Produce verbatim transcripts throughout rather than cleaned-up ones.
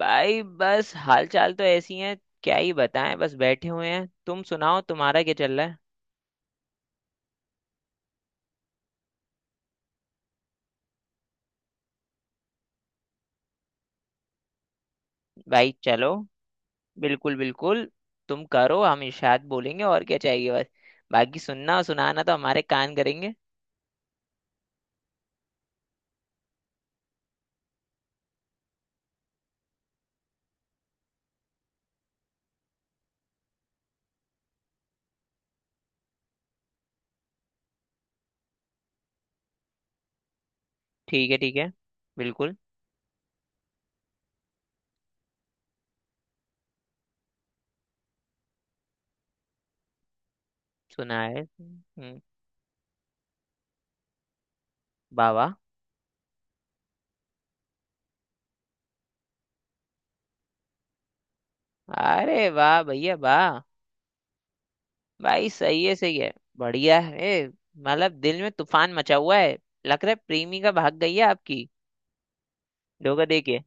भाई बस हाल चाल तो ऐसी है। क्या ही बताएं, बस बैठे हुए हैं। तुम सुनाओ, तुम्हारा क्या चल रहा है? भाई चलो, बिल्कुल बिल्कुल। तुम करो, हम इरशाद बोलेंगे, और क्या चाहिए बस। बाकी सुनना और सुनाना तो हमारे कान करेंगे। ठीक है ठीक है, बिल्कुल। सुना है। हम्म। वाह वाह। अरे वाह भैया वाह। भाई सही है सही है, बढ़िया है। मतलब दिल में तूफान मचा हुआ है। लग रहा है प्रेमी का भाग गई है आपकी। डोगा देके।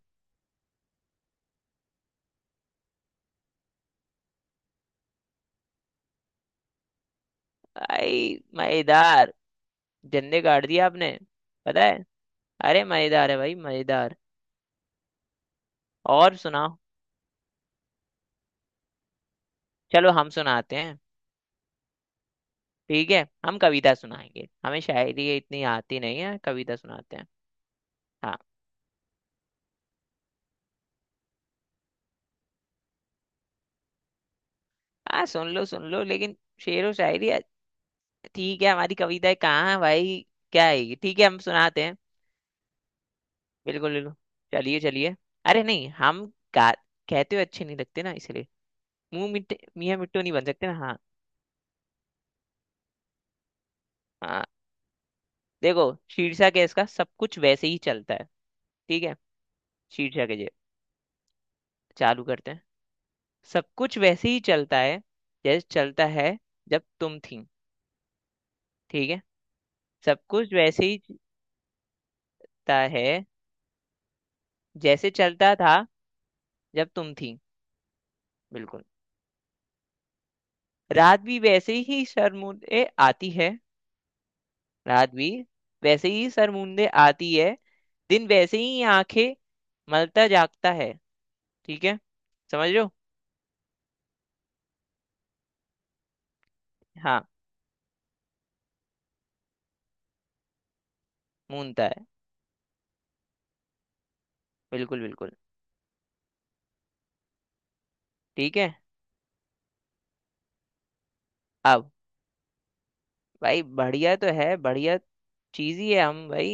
भाई मजेदार, जंदे गाड़ दिया आपने, पता है। अरे मजेदार है भाई, मजेदार। और सुनाओ। चलो हम सुनाते हैं। ठीक है, हम कविता सुनाएंगे। हमें शायरी इतनी आती नहीं है, कविता सुनाते हैं। हाँ हाँ, सुन लो सुन लो, लेकिन शेर व शायरी। ठीक है, हमारी कविताएं कहाँ है भाई? क्या आएगी, ठीक है, हम सुनाते हैं। बिल्कुल बिल्कुल, चलिए चलिए। अरे नहीं, हम गा कहते हुए अच्छे नहीं लगते ना, इसलिए मुंह मिट्टे मियाँ मिट्टू नहीं बन सकते ना। हाँ हाँ। देखो, शीर्षक है इसका, सब कुछ वैसे ही चलता है। ठीक है, शीट जगह चालू करते हैं। सब कुछ वैसे ही चलता है जैसे चलता है, जब तुम थी। ठीक है। सब कुछ वैसे ही चलता है जैसे चलता था, जब तुम थी। बिल्कुल। रात भी वैसे ही सरमुंदे आती है। रात भी वैसे ही सरमुंदे आती है, दिन वैसे ही आंखें मलता जागता है। ठीक है, समझ रहे हो? हाँ, मूंदता है। बिल्कुल बिल्कुल, ठीक है। अब भाई, बढ़िया तो है, बढ़िया चीज ही है हम भाई।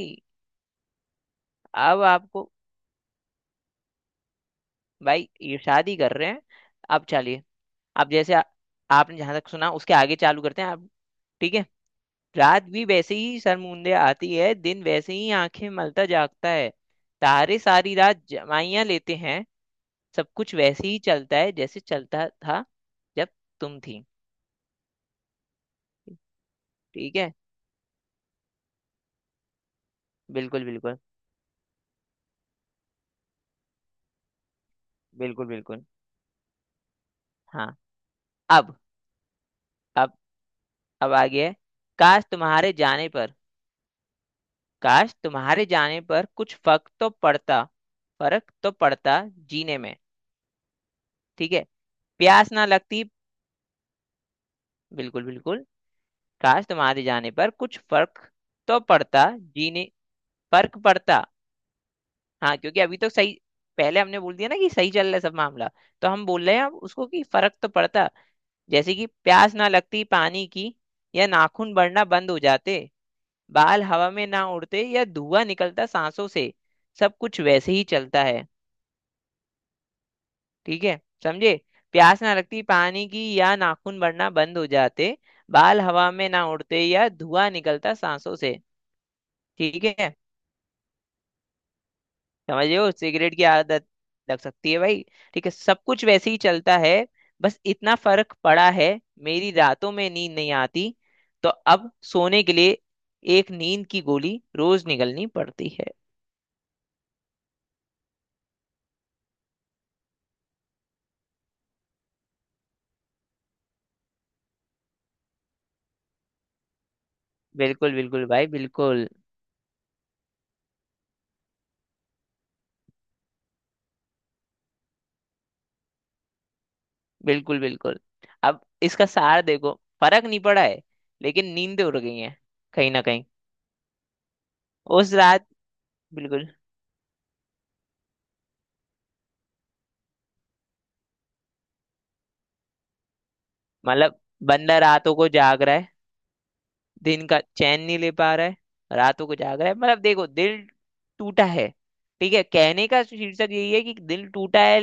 अब आपको भाई, ये शादी कर रहे हैं। अब चलिए, अब जैसे आ, आपने जहां तक सुना उसके आगे चालू करते हैं आप। ठीक है। रात भी वैसे ही सरमुंदे आती है, दिन वैसे ही आंखें मलता जागता है। तारे सारी रात जमाइयां लेते हैं। सब कुछ वैसे ही चलता है जैसे चलता था, जब तुम थी। ठीक है, बिल्कुल बिल्कुल, बिल्कुल बिल्कुल। हाँ। अब अब अब आ गया है। काश तुम्हारे जाने पर, काश तुम्हारे जाने पर कुछ फर्क तो पड़ता, फर्क तो पड़ता जीने में। ठीक है, प्यास ना लगती। बिल्कुल बिल्कुल। काश तुम्हारे जाने पर कुछ फर्क तो पड़ता जीने, फर्क पड़ता। हाँ, क्योंकि अभी तो सही। पहले हमने बोल दिया ना कि सही चल रहा है सब मामला। तो हम बोल रहे हैं अब उसको, कि फर्क तो पड़ता, जैसे कि प्यास ना लगती पानी की, या नाखून बढ़ना बंद हो जाते, बाल हवा में ना उड़ते, या धुआं निकलता सांसों से, सब कुछ वैसे ही चलता है। ठीक है, समझे? प्यास ना लगती पानी की, या नाखून बढ़ना बंद हो जाते, बाल हवा में ना उड़ते, या धुआं निकलता सांसों से। ठीक है, समझ रहे हो? सिगरेट की आदत लग सकती है भाई। ठीक है, सब कुछ वैसे ही चलता है, बस इतना फर्क पड़ा है, मेरी रातों में नींद नहीं आती, तो अब सोने के लिए एक नींद की गोली रोज निगलनी पड़ती है। बिल्कुल बिल्कुल भाई, बिल्कुल। बिल्कुल बिल्कुल। अब इसका सार देखो, फर्क नहीं पड़ा है, लेकिन नींदें उड़ गई हैं कहीं ना कहीं। उस रात, बिल्कुल। मतलब बंदा रातों को जाग रहा है, दिन का चैन नहीं ले पा रहा है, रातों को जाग रहा है। मतलब देखो, दिल टूटा है। ठीक है, कहने का शीर्षक यही है कि दिल टूटा है।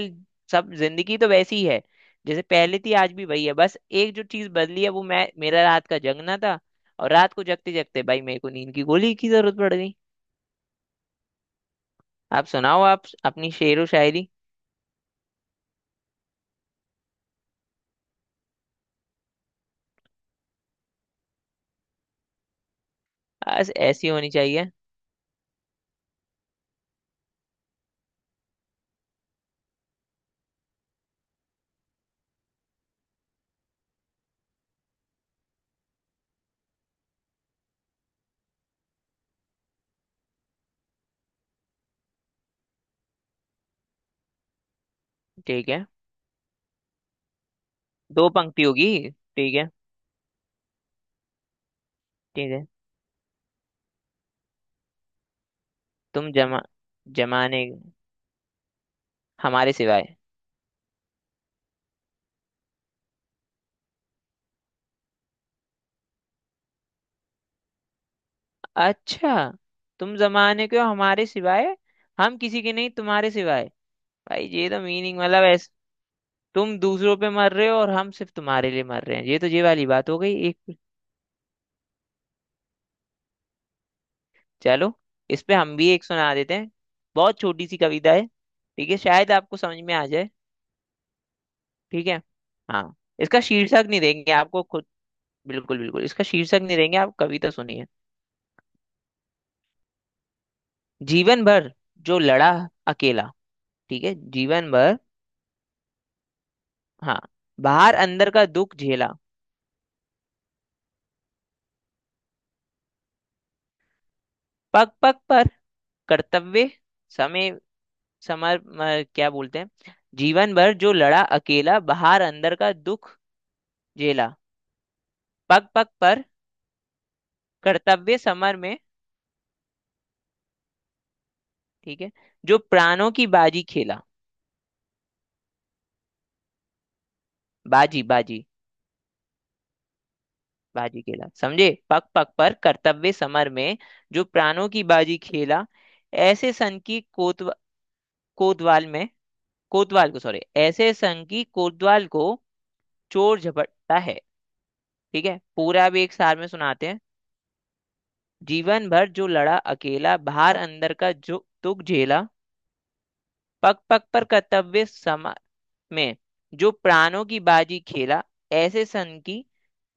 सब जिंदगी तो वैसी ही है जैसे पहले थी, आज भी वही है। बस एक जो चीज बदली है वो मैं, मेरा रात का जगना था। और रात को जगते जगते भाई मेरे को नींद की गोली की जरूरत पड़ गई। आप सुनाओ, आप अपनी शेरो शायरी। बस ऐसी होनी चाहिए। ठीक है, दो पंक्ति होगी। ठीक है ठीक है। तुम जमा जमाने हमारे सिवाय। अच्छा, तुम जमाने के हो हमारे सिवाय, हम किसी के नहीं तुम्हारे सिवाय। भाई ये तो मीनिंग, मतलब ऐस तुम दूसरों पे मर रहे हो और हम सिर्फ तुम्हारे लिए मर रहे हैं, ये तो ये वाली बात हो गई एक। चलो, इस पे हम भी एक सुना देते हैं, बहुत छोटी सी कविता है। ठीक है, शायद आपको समझ में आ जाए। ठीक है। हाँ, इसका शीर्षक नहीं देंगे आपको खुद, बिल्कुल बिल्कुल। इसका शीर्षक नहीं देंगे, आप कविता सुनिए। जीवन भर जो लड़ा अकेला। ठीक है, जीवन भर। हाँ। बाहर अंदर का दुख झेला। पग पग पर कर्तव्य समय समर म- क्या बोलते हैं। जीवन भर जो लड़ा अकेला, बाहर अंदर का दुख झेला, पग पग पर कर्तव्य समर में, ठीक है, जो प्राणों की बाजी खेला। बाजी बाजी, बाजी खेला समझे। पग पग पर कर्तव्य समर में, जो प्राणों की बाजी खेला, ऐसे सन की कोतवा, कोतवाल में कोतवाल को, सॉरी, ऐसे सन की कोतवाल को चोर झपटता है। ठीक है, पूरा भी एक सार में सुनाते हैं। जीवन भर जो लड़ा अकेला, बाहर अंदर का जो दुख झेला, पग पग पर कर्तव्य समर में, जो प्राणों की बाजी खेला, ऐसे सन की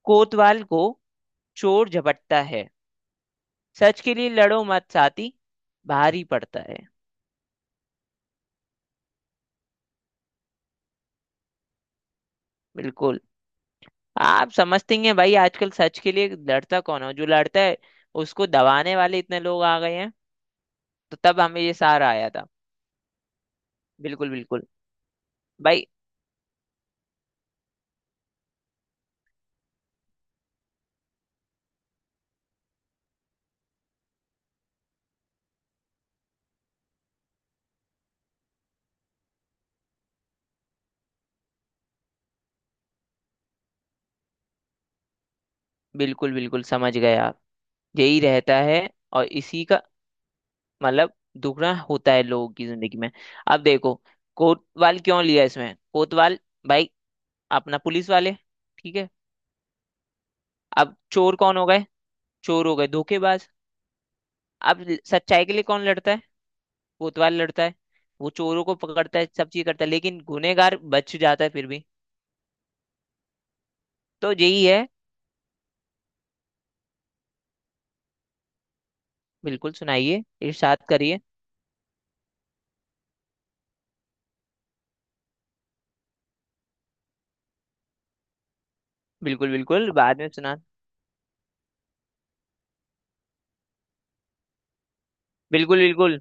कोतवाल को चोर झपटता है। सच के लिए लड़ो मत साथी, भारी पड़ता है। बिल्कुल, आप समझते हैं भाई, आजकल सच के लिए लड़ता कौन हो? जो लड़ता है, उसको दबाने वाले इतने लोग आ गए हैं। तो तब हमें ये सहारा आया था। बिल्कुल बिल्कुल भाई, बिल्कुल। बिल्कुल समझ गए आप, यही रहता है, और इसी का मतलब दुगना होता है लोगों की जिंदगी में। अब देखो, कोतवाल क्यों लिया इसमें, कोतवाल भाई अपना पुलिस वाले। ठीक है, अब चोर कौन हो गए? चोर हो गए धोखेबाज। अब सच्चाई के लिए कौन लड़ता है? कोतवाल लड़ता है, वो चोरों को पकड़ता है, सब चीज करता है, लेकिन गुनहगार बच जाता है फिर भी। तो यही है। बिल्कुल, सुनाइए, इरशाद करिए। बिल्कुल बिल्कुल, बाद में सुना। बिल्कुल बिल्कुल।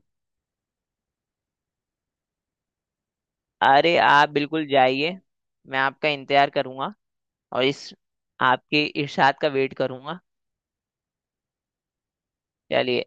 अरे आप बिल्कुल जाइए, मैं आपका इंतजार करूंगा, और इस आपके इरशाद का वेट करूंगा। चलिए।